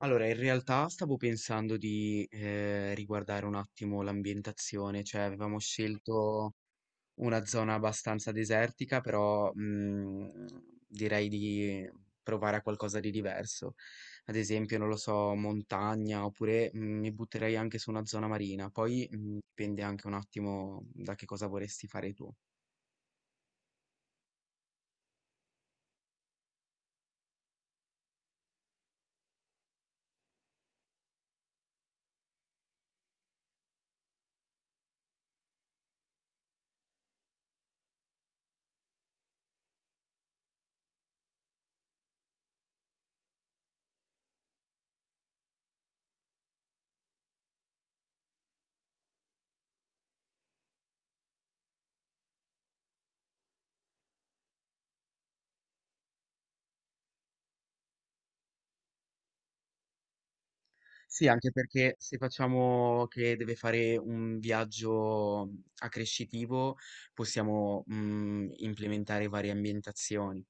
Allora, in realtà stavo pensando di riguardare un attimo l'ambientazione, cioè avevamo scelto una zona abbastanza desertica, però direi di provare a qualcosa di diverso. Ad esempio, non lo so, montagna, oppure mi butterei anche su una zona marina. Poi dipende anche un attimo da che cosa vorresti fare tu. Sì, anche perché se facciamo che deve fare un viaggio accrescitivo, possiamo, implementare varie ambientazioni.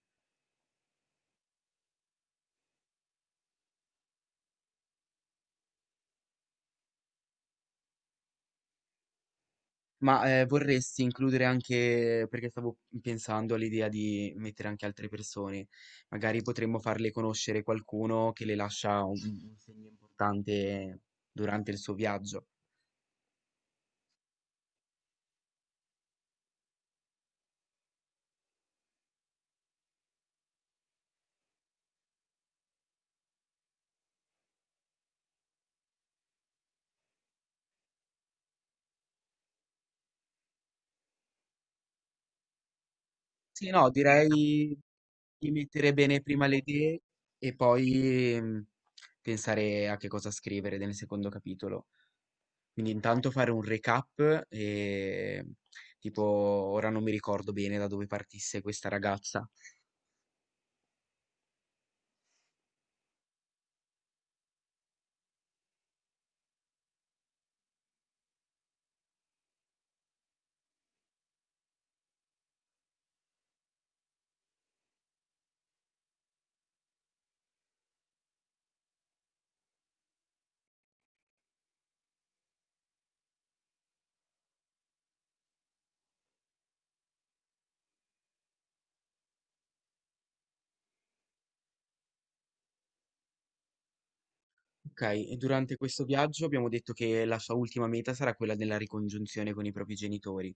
Ma, vorresti includere anche perché stavo pensando all'idea di mettere anche altre persone, magari potremmo farle conoscere qualcuno che le lascia un segno importante durante il suo viaggio. Sì, no, direi di mettere bene prima le idee e poi, pensare a che cosa scrivere nel secondo capitolo. Quindi intanto fare un recap, tipo ora non mi ricordo bene da dove partisse questa ragazza. Ok, e durante questo viaggio abbiamo detto che la sua ultima meta sarà quella della ricongiunzione con i propri genitori.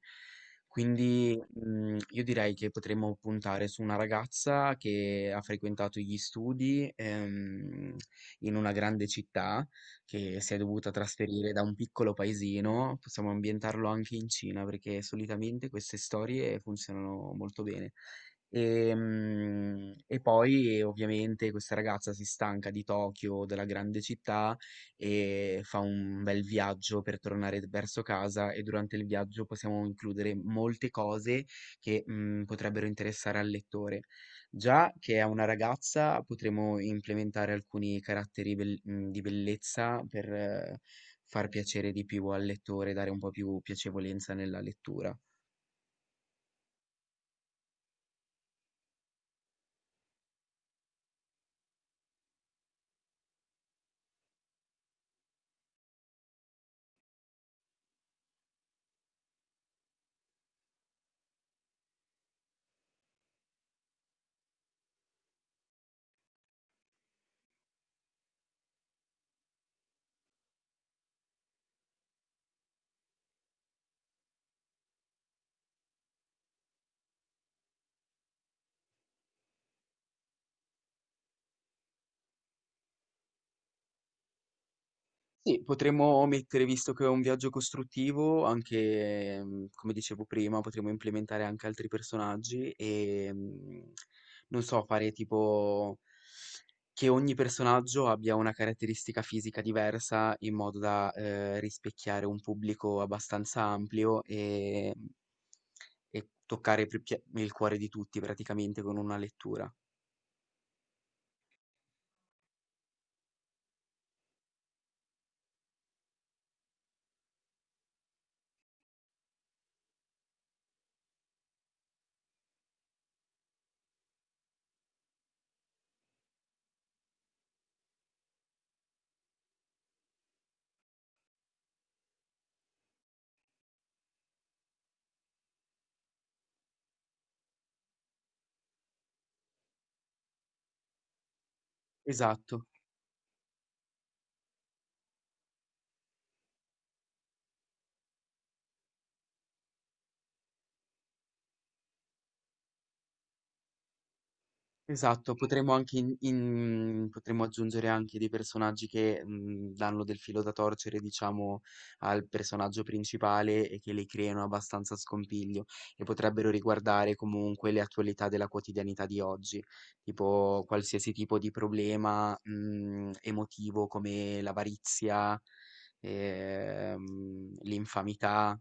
Quindi, io direi che potremmo puntare su una ragazza che ha frequentato gli studi, in una grande città, che si è dovuta trasferire da un piccolo paesino. Possiamo ambientarlo anche in Cina, perché solitamente queste storie funzionano molto bene. E poi ovviamente questa ragazza si stanca di Tokyo, della grande città, e fa un bel viaggio per tornare verso casa e durante il viaggio possiamo includere molte cose che potrebbero interessare al lettore. Già che è una ragazza, potremo implementare alcuni di bellezza per far piacere di più al lettore, dare un po' più piacevolezza nella lettura. Sì, potremmo mettere, visto che è un viaggio costruttivo, anche, come dicevo prima, potremmo implementare anche altri personaggi e, non so, fare tipo che ogni personaggio abbia una caratteristica fisica diversa in modo da, rispecchiare un pubblico abbastanza ampio e e toccare più pie il cuore di tutti praticamente con una lettura. Esatto. Esatto, potremmo anche in in potremmo aggiungere anche dei personaggi che, danno del filo da torcere, diciamo, al personaggio principale e che le creano abbastanza scompiglio e potrebbero riguardare comunque le attualità della quotidianità di oggi, tipo qualsiasi tipo di problema, emotivo come l'avarizia, l'infamità.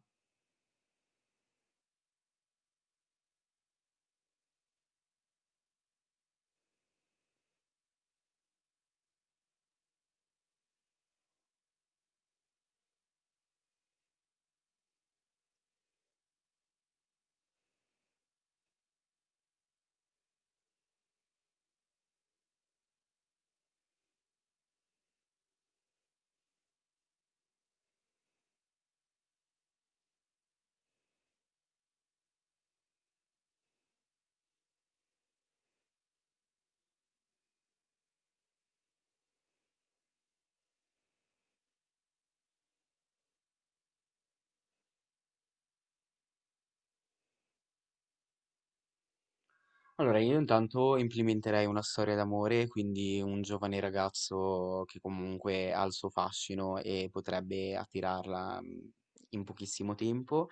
Allora, io intanto implementerei una storia d'amore, quindi un giovane ragazzo che comunque ha il suo fascino e potrebbe attirarla in pochissimo tempo.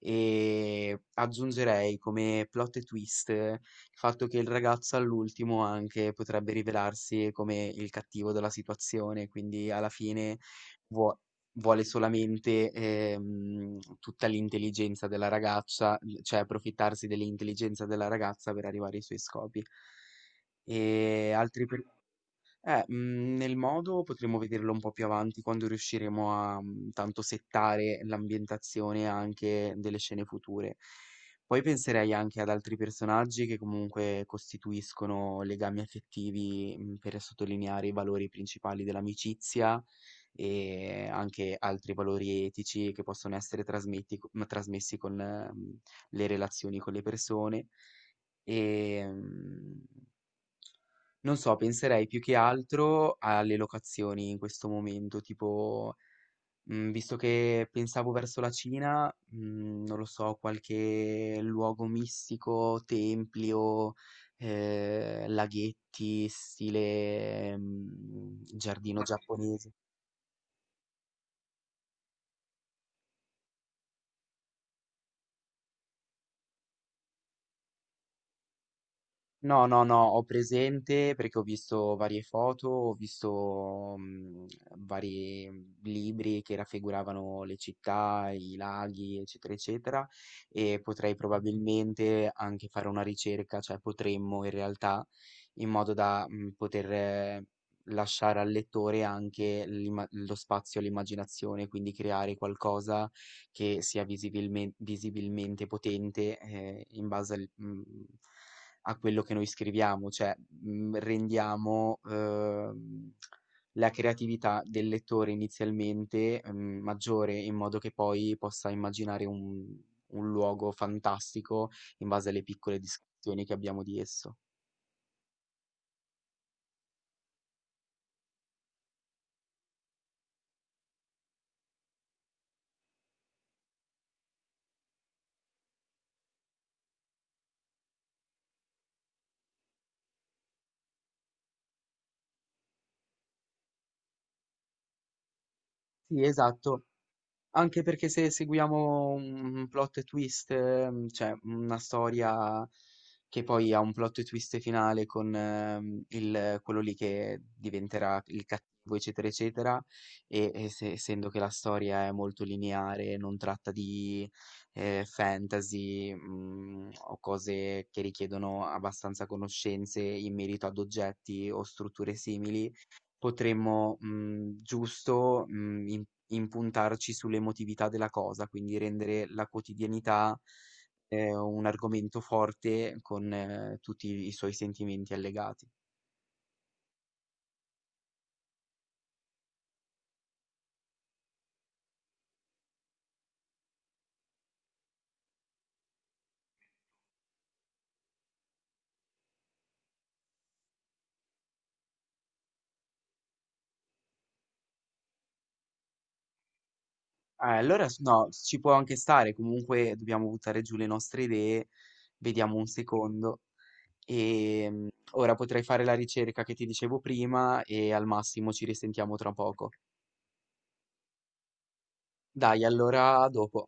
E aggiungerei come plot twist il fatto che il ragazzo all'ultimo anche potrebbe rivelarsi come il cattivo della situazione, quindi alla fine vuo- vuole solamente tutta l'intelligenza della ragazza, cioè approfittarsi dell'intelligenza della ragazza per arrivare ai suoi scopi. E altri per... Nel modo potremmo vederlo un po' più avanti quando riusciremo a, tanto settare l'ambientazione anche delle scene future. Poi penserei anche ad altri personaggi che comunque costituiscono legami affettivi, per sottolineare i valori principali dell'amicizia e anche altri valori etici che possono essere trasmessi con, le relazioni con le persone. Ehm Non so, penserei più che altro alle locazioni in questo momento, tipo, visto che pensavo verso la Cina, non lo so, qualche luogo mistico, templi o laghetti, stile giardino giapponese. No, no, no, ho presente perché ho visto varie foto, ho visto vari libri che raffiguravano le città, i laghi, eccetera, eccetera, e potrei probabilmente anche fare una ricerca, cioè potremmo in realtà, in modo da poter lasciare al lettore anche lo spazio all'immaginazione, quindi creare qualcosa che sia visibilmente potente in base a quello che noi scriviamo, cioè, rendiamo, la creatività del lettore inizialmente, maggiore in modo che poi possa immaginare un luogo fantastico in base alle piccole descrizioni che abbiamo di esso. Sì, esatto. Anche perché se seguiamo un plot twist, cioè una storia che poi ha un plot twist finale con quello lì che diventerà il cattivo, eccetera, eccetera, essendo che la storia è molto lineare, non tratta di fantasy o cose che richiedono abbastanza conoscenze in merito ad oggetti o strutture simili. Potremmo, mhmm, giusto, mhmm, im impuntarci sull'emotività della cosa, quindi rendere la quotidianità, un argomento forte con tutti i suoi sentimenti allegati. Ah, allora s no, ci può anche stare, comunque dobbiamo buttare giù le nostre idee, vediamo un secondo. Ora potrei fare la ricerca che ti dicevo prima e al massimo ci risentiamo tra poco. Dai, allora a dopo.